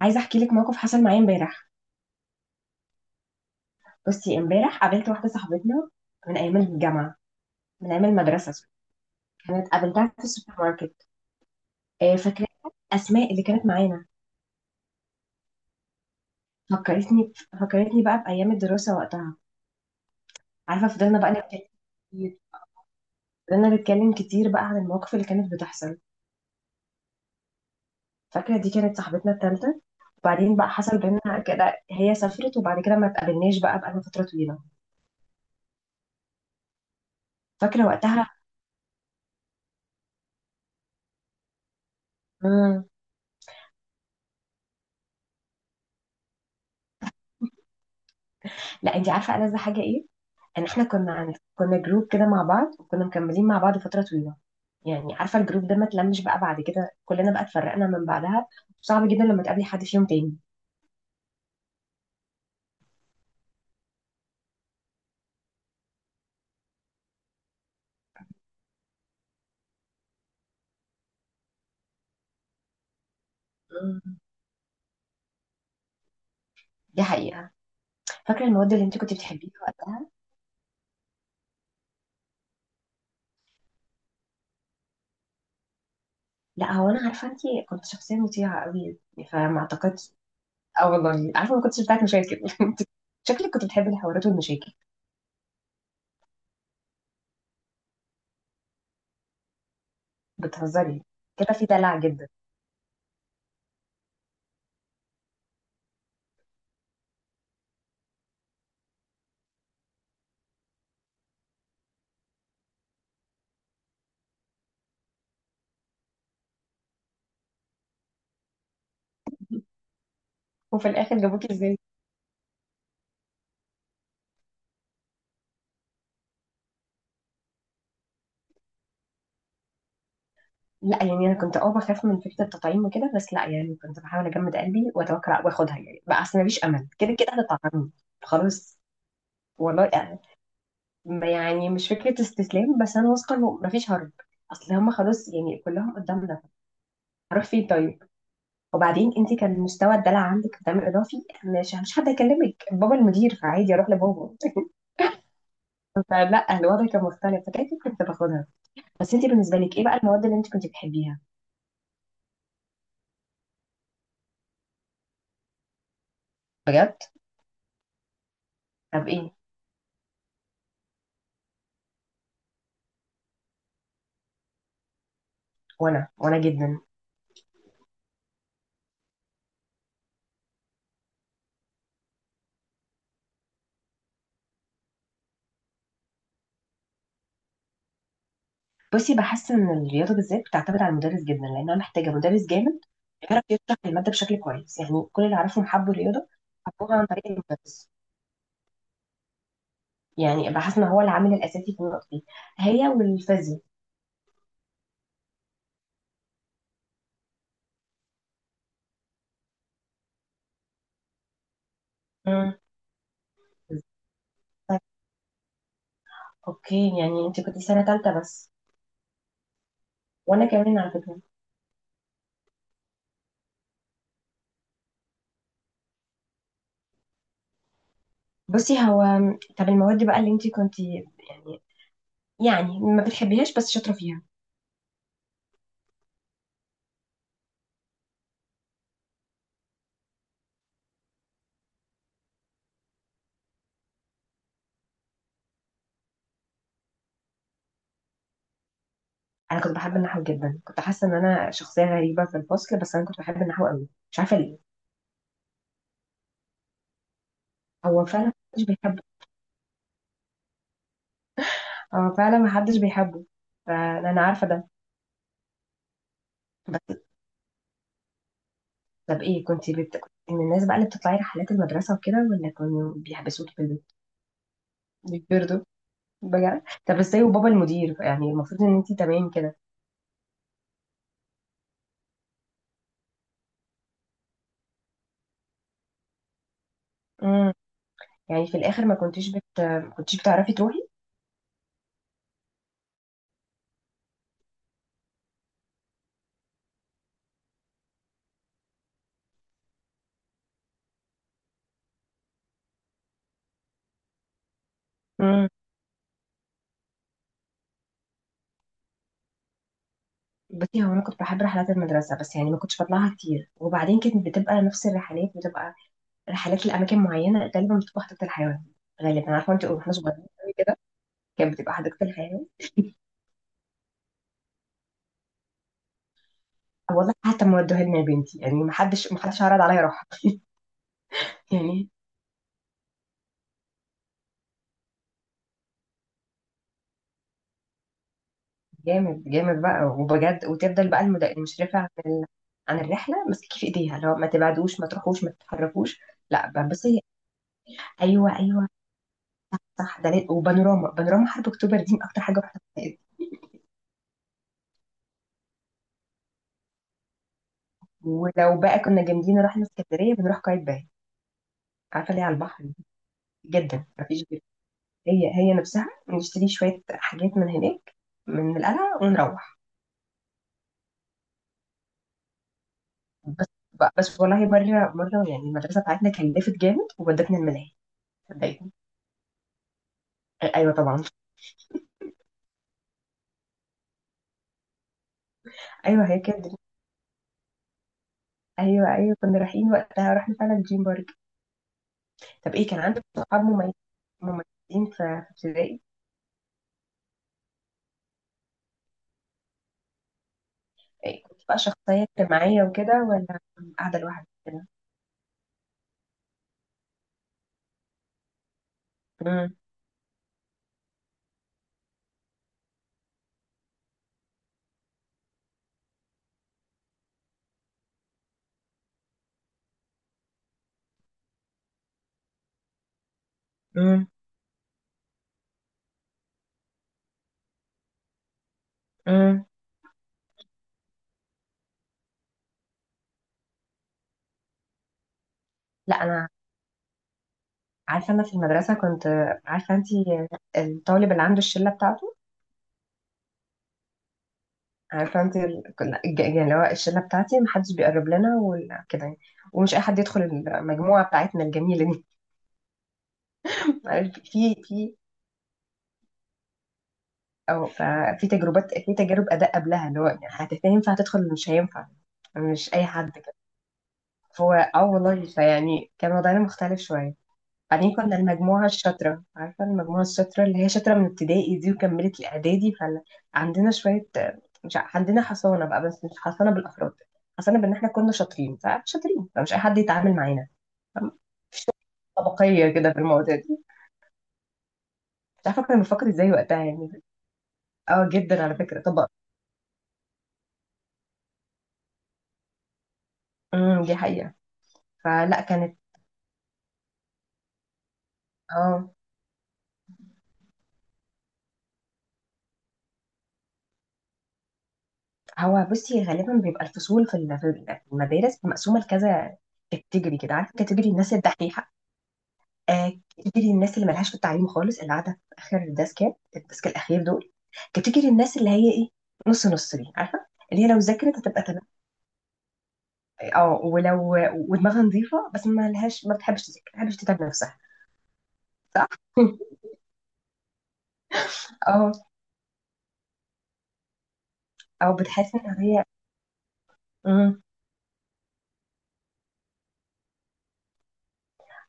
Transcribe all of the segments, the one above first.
عايزه احكي لك موقف حصل معايا امبارح. بصي، امبارح قابلت واحده صاحبتنا من ايام الجامعه من ايام المدرسه. كانت قابلتها في السوبر ماركت. آه، فاكراها اسماء اللي كانت معانا. فكرتني فكرتني بقى بايام الدراسه وقتها. عارفه، فضلنا بقى نتكلم كتير. فضلنا نتكلم كتير بقى عن المواقف اللي كانت بتحصل. فاكره دي كانت صاحبتنا الثالثه. وبعدين بقى حصل بينا كده، هي سافرت وبعد كده ما اتقابلناش بقى فتره طويله. فاكره وقتها. مم. لا انت عارفه ألذ حاجه ايه؟ يعني احنا كنا جروب كده مع بعض وكنا مكملين مع بعض فترة طويلة. يعني عارفة الجروب ده ما اتلمش بقى، بعد كده كلنا بقى اتفرقنا من بعدها. صعب جدا لما تقابلي حد فيهم تاني. مم. دي حقيقة. فاكرة المواد اللي انت كنت بتحبيها وقتها؟ لا، هو انا عارفة انت كنت شخصية مطيعة قوي، يعني فما اعتقدش. اه والله عارفة، ما كنتش بتاعت مشاكل انت. شكلك كنت بتحبي الحوارات والمشاكل. بتهزري؟ كده في دلع جدا. وفي الاخر جابوكي ازاي؟ لا يعني انا كنت بخاف من فكره التطعيم وكده، بس لا يعني كنت بحاول اجمد قلبي واتوكل واخدها. يعني بقى اصل مفيش امل، كده كده هتطعمني. خلاص. والله يعني، يعني مش فكره استسلام، بس انا واثقه انه مفيش هرب. اصل هم خلاص يعني كلهم قدامنا. هروح فين طيب؟ وبعدين انت كان مستوى الدلع عندك قدام اضافي. مش حد يكلمك بابا المدير، فعادي اروح لبابا فلا، الوضع كان مختلف، فكده كده كنت باخدها. بس انت بالنسبه لك ايه بقى المواد اللي انت كنت بتحبيها؟ بجد؟ طب ايه؟ وانا جدا. بصي، بحس ان الرياضه بالذات بتعتمد على المدرس جدا، لانها محتاجه مدرس جامد يعرف يشرح الماده بشكل كويس. يعني كل اللي اعرفهم حبوا الرياضه، حبوها عن طريق المدرس. يعني بحس ان هو العامل الاساسي في النقطه دي. هي والفيزياء. امم. طيب. اوكي، يعني انت كنت سنه ثالثه بس. وانا كمان على فكره. بصي هو، طب المواد بقى اللي انت كنت يعني ما بتحبيهاش بس شاطره فيها؟ انا كنت بحب النحو جدا. كنت حاسه ان انا شخصيه غريبه في الفصل، بس انا كنت بحب النحو قوي، مش عارفه ليه. هو فعلا مش بيحب. هو فعلا محدش بيحبه. فانا عارفه ده. بس، طب ايه، كنت كنت من الناس بقى اللي بتطلعي رحلات المدرسه وكده ولا كانوا بيحبسوكي في البيت؟ بيتبردوا؟ بجد؟ طب ازاي وبابا المدير، يعني المفروض ان انت تمام كده. امم. يعني في الاخر ما كنتيش ما كنتيش بتعرفي تروحي؟ امم. بصي، هو انا كنت بحب رحلات المدرسه بس يعني ما كنتش بطلعها كتير. وبعدين كانت بتبقى نفس الرحلات، بتبقى رحلات لاماكن معينه، غالبا بتبقى حديقه الحيوان. غالبا عارفه انت، واحنا صغيرين قوي كده، كانت بتبقى حديقه الحيوان. والله حتى ما ودوها لنا يا بنتي، يعني ما حدش ما حدش عرض عليا اروح. يعني جامد جامد بقى وبجد. وتفضل بقى المشرفه عن الرحله ماسكه في ايديها، لو ما تبعدوش ما تروحوش ما تتحركوش. لا بس هي. ايوه، ايوه، صح. وبانوراما، بانوراما حرب اكتوبر دي من اكتر حاجه رحتها في حياتي. ولو بقى كنا جامدين رحنا اسكندريه، بنروح قايتباي. عارفه ليه؟ على البحر جدا، ما فيش غير. هي هي نفسها، نشتري شويه حاجات من هناك، من القلعه ونروح. بس بس والله، مرة مرة يعني، المدرسة بتاعتنا كان لافت جامد وودتنا الملاهي. صدقني. ايوه طبعا. ايوه، هي كده. ايوه، ايوه، كنا رايحين وقتها. رحنا فعلا دريم بارك. طب ايه، كان عندك صحاب مميزين في ابتدائي؟ إيه، كنت بقى شخصية اجتماعية وكده ولا قاعدة لوحدي كده؟ امم. امم. امم. لا، انا عارفة انا في المدرسة كنت. عارفة انت الطالب اللي عنده الشلة بتاعته؟ عارفه انت، كنا يعني اللي هو الشله بتاعتي محدش بيقرب لنا وكده، يعني ومش اي حد يدخل المجموعه بتاعتنا الجميله دي. عارف، في او في تجربات، في تجارب اداء قبلها، اللي هو يعني هينفع تدخل ولا مش هينفع. مش اي حد كده. فهو والله، فيعني كان وضعنا مختلف شويه. بعدين كنا المجموعة الشاطرة. عارفة المجموعة الشاطرة اللي هي شاطرة من ابتدائي دي وكملت الإعدادي؟ فعندنا شوية، مش ع- عندنا حصانة بقى، بس مش حصانة بالأفراد. حصانة بإن إحنا كنا شاطرين فشاطرين، فمش أي حد يتعامل معانا. فاهمة؟ مفيش طبقية كده في المواضيع دي. مش عارفة كنا بنفكر إزاي وقتها يعني. اه جدا على فكرة طبق. امم. دي حقيقة. فلا كانت، اه. هو بصي، غالبا بيبقى الفصول في المدارس مقسومة لكذا كاتيجوري كده. عارفة؟ كاتيجوري الناس الدحيحة. كاتيجوري الناس اللي ملهاش في التعليم خالص، اللي قاعده في اخر الديسكات، الديسك الاخير دول. كاتيجوري الناس اللي هي ايه، نص نص دي، عارفه؟ اللي هي لو ذاكرت هتبقى تمام. اه. ولو ودماغها نظيفه، بس ما لهاش، ما بتحبش تذاكر، ما بتحبش تتعب نفسها. صح. اه، او بتحس ان هي. مم.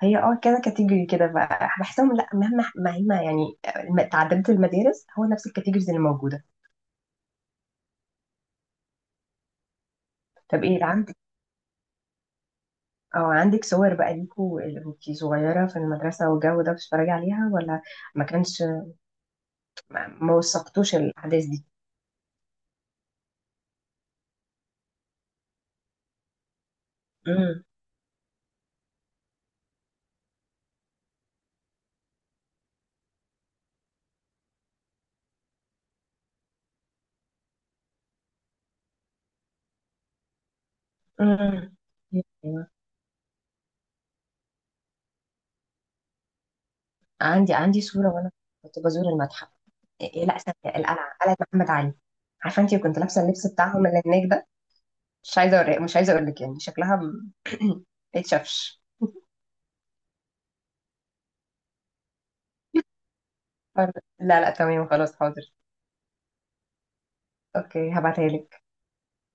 هي كده كاتيجوري كده بقى بحسهم، لا مهما مهما يعني تعددت المدارس، هو نفس الكاتيجوريز اللي موجوده. طب ايه العام، اه عندك صور بقى ليكوا اللي كنتي صغيرة في المدرسة والجو ده بتتفرجي عليها ولا ما كانش، ما وثقتوش الأحداث دي؟ امم. امم. أيوة. عندي صورة وأنا كنت بزور المتحف. إيه إيه، لا استنى، القلعة، قلعة محمد علي. عارفة أنتي كنت لابسة اللبس بتاعهم اللي هناك ده؟ مش عايزة أقول لك. يعني شكلها ما يتشافش. طيب. لا لا، تمام، خلاص، حاضر. أوكي، هبعتها لك.